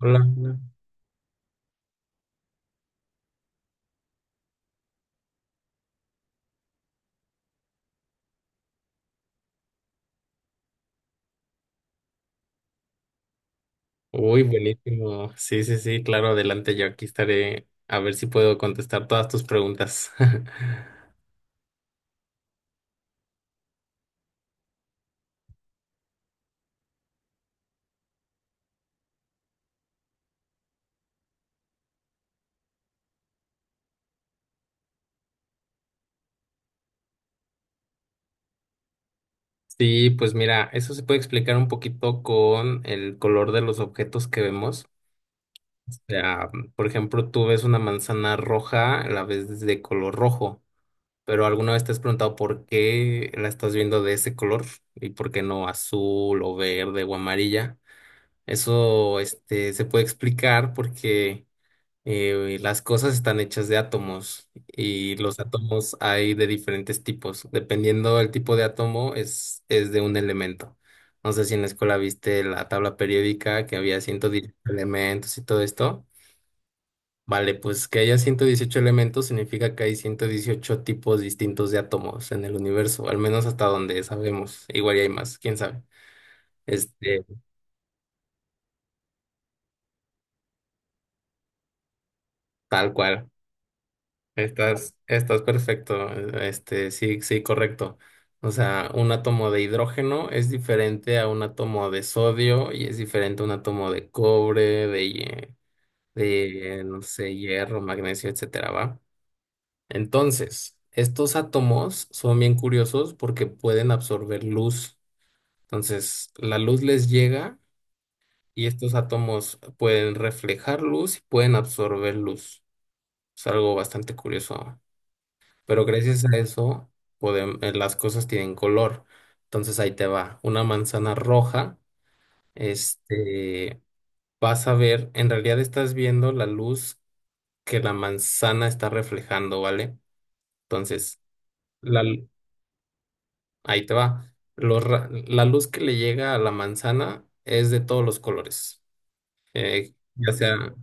Hola. Uy, buenísimo. Sí, sí, sí, claro, adelante, yo aquí estaré a ver si puedo contestar todas tus preguntas. Sí, pues mira, eso se puede explicar un poquito con el color de los objetos que vemos. O sea, por ejemplo, tú ves una manzana roja, la ves de color rojo, pero alguna vez te has preguntado por qué la estás viendo de ese color y por qué no azul o verde o amarilla. Eso, se puede explicar porque las cosas están hechas de átomos y los átomos hay de diferentes tipos. Dependiendo del tipo de átomo, es de un elemento. No sé si en la escuela viste la tabla periódica que había 118 elementos y todo esto. Vale, pues que haya 118 elementos significa que hay 118 tipos distintos de átomos en el universo, al menos hasta donde sabemos. Igual y hay más, quién sabe. Este, tal cual. Estás perfecto, sí, sí, correcto. O sea, un átomo de hidrógeno es diferente a un átomo de sodio y es diferente a un átomo de cobre, de, no sé, hierro, magnesio, etcétera, ¿va? Entonces, estos átomos son bien curiosos porque pueden absorber luz. Entonces, la luz les llega y estos átomos pueden reflejar luz y pueden absorber luz. Es algo bastante curioso. Pero gracias a eso, las cosas tienen color. Entonces ahí te va. Una manzana roja, este, vas a ver, en realidad estás viendo la luz que la manzana está reflejando, ¿vale? Entonces, la, lu- ahí te va. La luz que le llega a la manzana es de todos los colores. eh, ya sea,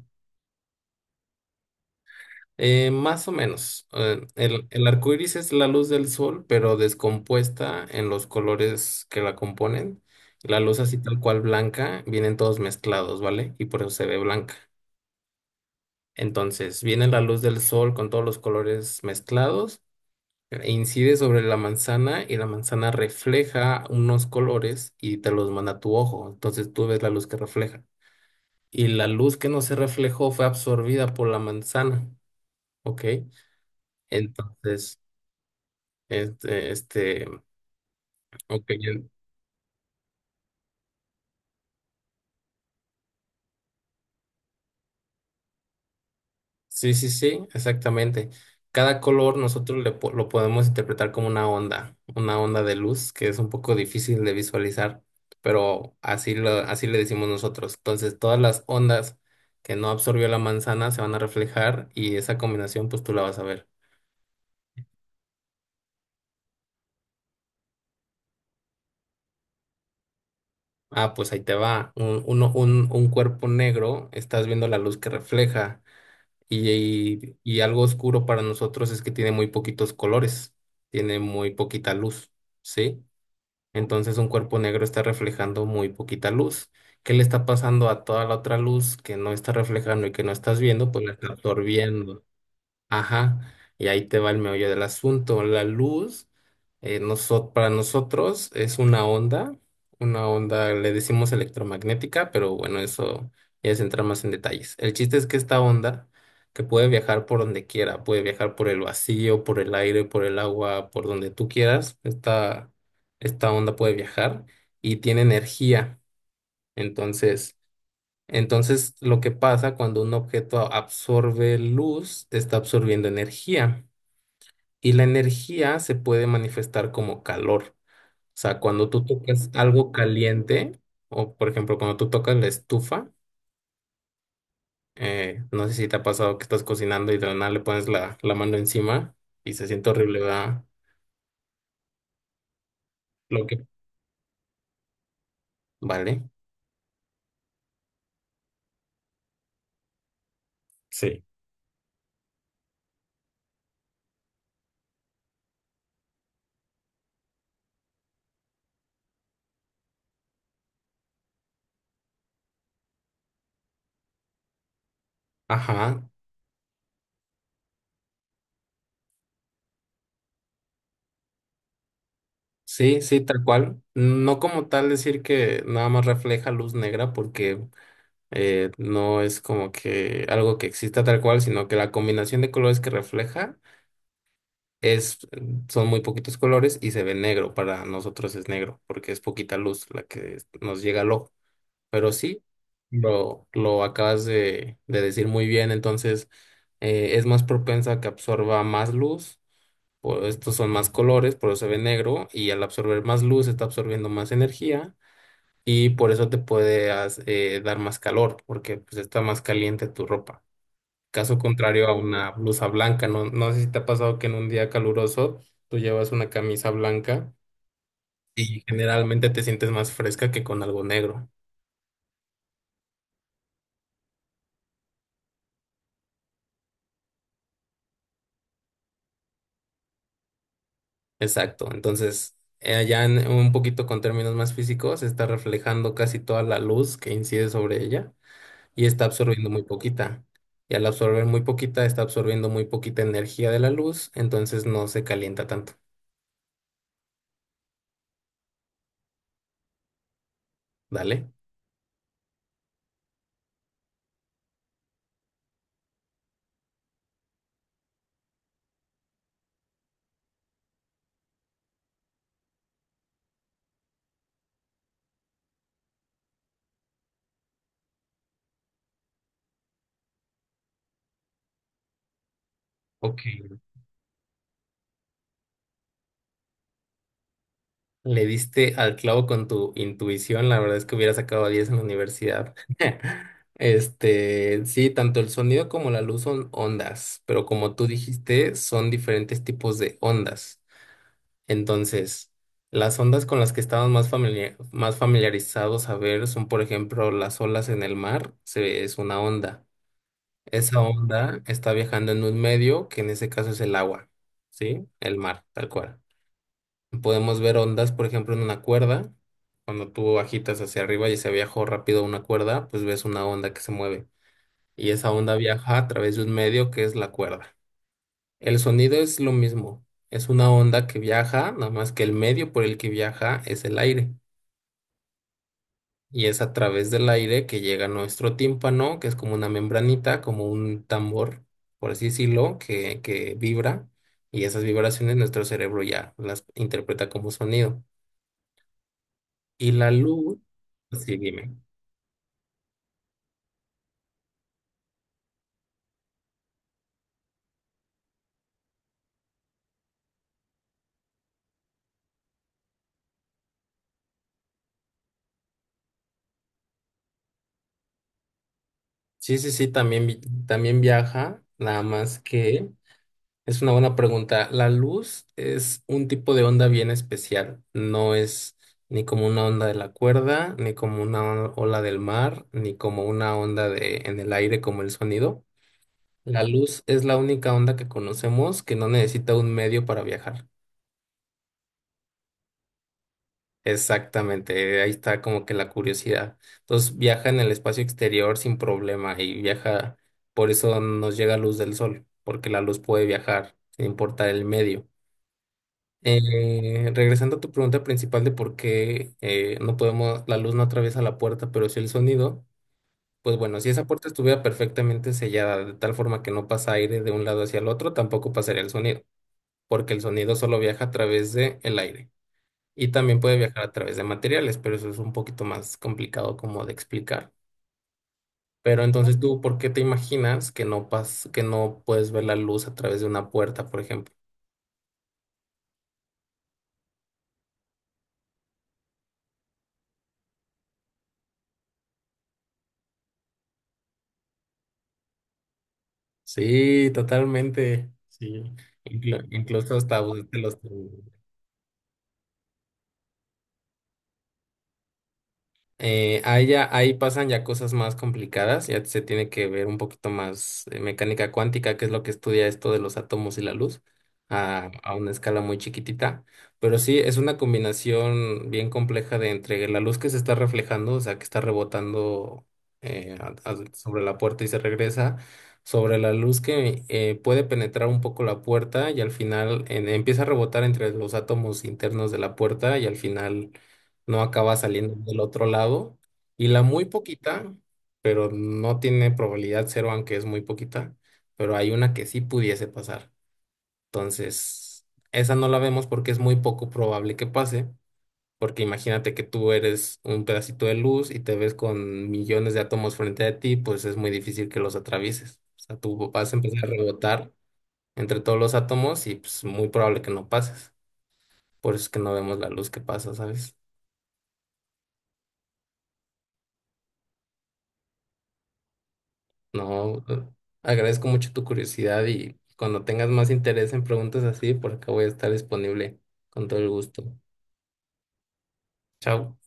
Más o menos. El arco iris es la luz del sol, pero descompuesta en los colores que la componen. La luz así tal cual blanca, vienen todos mezclados, ¿vale? Y por eso se ve blanca. Entonces, viene la luz del sol con todos los colores mezclados, e incide sobre la manzana y la manzana refleja unos colores y te los manda a tu ojo. Entonces, tú ves la luz que refleja. Y la luz que no se reflejó fue absorbida por la manzana, ¿ok? Entonces... Este, este, ok, ya- sí, sí, sí, exactamente. Cada color nosotros lo podemos interpretar como una onda de luz que es un poco difícil de visualizar, pero así lo, así le decimos nosotros. Entonces, todas las ondas que no absorbió la manzana se van a reflejar y esa combinación, pues tú la vas a ver. Ah, pues ahí te va. Un cuerpo negro, estás viendo la luz que refleja. Y algo oscuro para nosotros es que tiene muy poquitos colores, tiene muy poquita luz, ¿sí? Entonces un cuerpo negro está reflejando muy poquita luz. ¿Qué le está pasando a toda la otra luz que no está reflejando y que no estás viendo? Pues la está absorbiendo. Ajá, y ahí te va el meollo del asunto. La luz, para nosotros es una onda, le decimos electromagnética, pero bueno, eso ya es entrar más en detalles. El chiste es que esta onda, que puede viajar por donde quiera, puede viajar por el vacío, por el aire, por el agua, por donde tú quieras, esta onda puede viajar y tiene energía. Entonces... Entonces, lo que pasa cuando un objeto absorbe luz, está absorbiendo energía y la energía se puede manifestar como calor. O sea, cuando tú tocas algo caliente, o por ejemplo, cuando tú tocas la estufa, no sé si te ha pasado que estás cocinando y de la nada le pones la mano encima y se siente horrible, ¿verdad? Lo que, vale. Sí. Ajá, sí, sí, tal cual. No como tal decir que nada más refleja luz negra, porque no es como que algo que exista tal cual, sino que la combinación de colores que refleja es, son muy poquitos colores y se ve negro. Para nosotros es negro, porque es poquita luz la que nos llega al ojo. Pero sí, lo acabas de decir muy bien, entonces es más propensa a que absorba más luz, o estos son más colores, por eso se ve negro, y al absorber más luz está absorbiendo más energía, y por eso te dar más calor, porque pues está más caliente tu ropa. Caso contrario a una blusa blanca, no sé si te ha pasado que en un día caluroso tú llevas una camisa blanca y generalmente te sientes más fresca que con algo negro. Exacto, entonces un poquito con términos más físicos está reflejando casi toda la luz que incide sobre ella y está absorbiendo muy poquita. Y al absorber muy poquita, está absorbiendo muy poquita energía de la luz, entonces no se calienta tanto. Dale. Ok. Le diste al clavo con tu intuición, la verdad es que hubiera sacado 10 en la universidad. Este, sí, tanto el sonido como la luz son ondas, pero como tú dijiste, son diferentes tipos de ondas. Entonces, las ondas con las que estamos más familiarizados a ver son, por ejemplo, las olas en el mar, es una onda. Esa onda está viajando en un medio que en ese caso es el agua, ¿sí? El mar, tal cual. Podemos ver ondas, por ejemplo, en una cuerda. Cuando tú agitas hacia arriba y se viajó rápido una cuerda, pues ves una onda que se mueve. Y esa onda viaja a través de un medio que es la cuerda. El sonido es lo mismo. Es una onda que viaja, nada más que el medio por el que viaja es el aire. Y es a través del aire que llega a nuestro tímpano, que es como una membranita, como un tambor, por así decirlo, que vibra. Y esas vibraciones nuestro cerebro ya las interpreta como sonido. Y la luz, sí, dime. Sí, sí, sí, también, también viaja, nada más que es una buena pregunta. La luz es un tipo de onda bien especial, no es ni como una onda de la cuerda, ni como una on- ola del mar, ni como una onda de, en el aire como el sonido. La luz es la única onda que conocemos que no necesita un medio para viajar. Exactamente, ahí está como que la curiosidad. Entonces viaja en el espacio exterior sin problema y viaja, por eso nos llega luz del sol, porque la luz puede viajar sin importar el medio. Regresando a tu pregunta principal de por qué la luz no atraviesa la puerta, pero sí el sonido, pues bueno, si esa puerta estuviera perfectamente sellada de tal forma que no pasa aire de un lado hacia el otro, tampoco pasaría el sonido, porque el sonido solo viaja a través de el aire y también puede viajar a través de materiales, pero eso es un poquito más complicado como de explicar. Pero entonces tú, ¿por qué te imaginas que no pas que no puedes ver la luz a través de una puerta, por ejemplo? Sí, totalmente. Sí. Incluso hasta usted los... ahí pasan ya cosas más complicadas, ya se tiene que ver un poquito más mecánica cuántica, que es lo que estudia esto de los átomos y la luz, a una escala muy chiquitita. Pero sí, es una combinación bien compleja de entre la luz que se está reflejando, o sea, que está rebotando sobre la puerta y se regresa, sobre la luz que puede penetrar un poco la puerta y al final empieza a rebotar entre los átomos internos de la puerta y al final no acaba saliendo del otro lado. Y la muy poquita, pero no tiene probabilidad 0, aunque es muy poquita, pero hay una que sí pudiese pasar. Entonces, esa no la vemos porque es muy poco probable que pase, porque imagínate que tú eres un pedacito de luz y te ves con millones de átomos frente a ti, pues es muy difícil que los atravieses. O sea, tú vas a empezar a rebotar entre todos los átomos y pues muy probable que no pases. Por eso es que no vemos la luz que pasa, ¿sabes? No, agradezco mucho tu curiosidad y cuando tengas más interés en preguntas así, por acá voy a estar disponible con todo el gusto. Chao.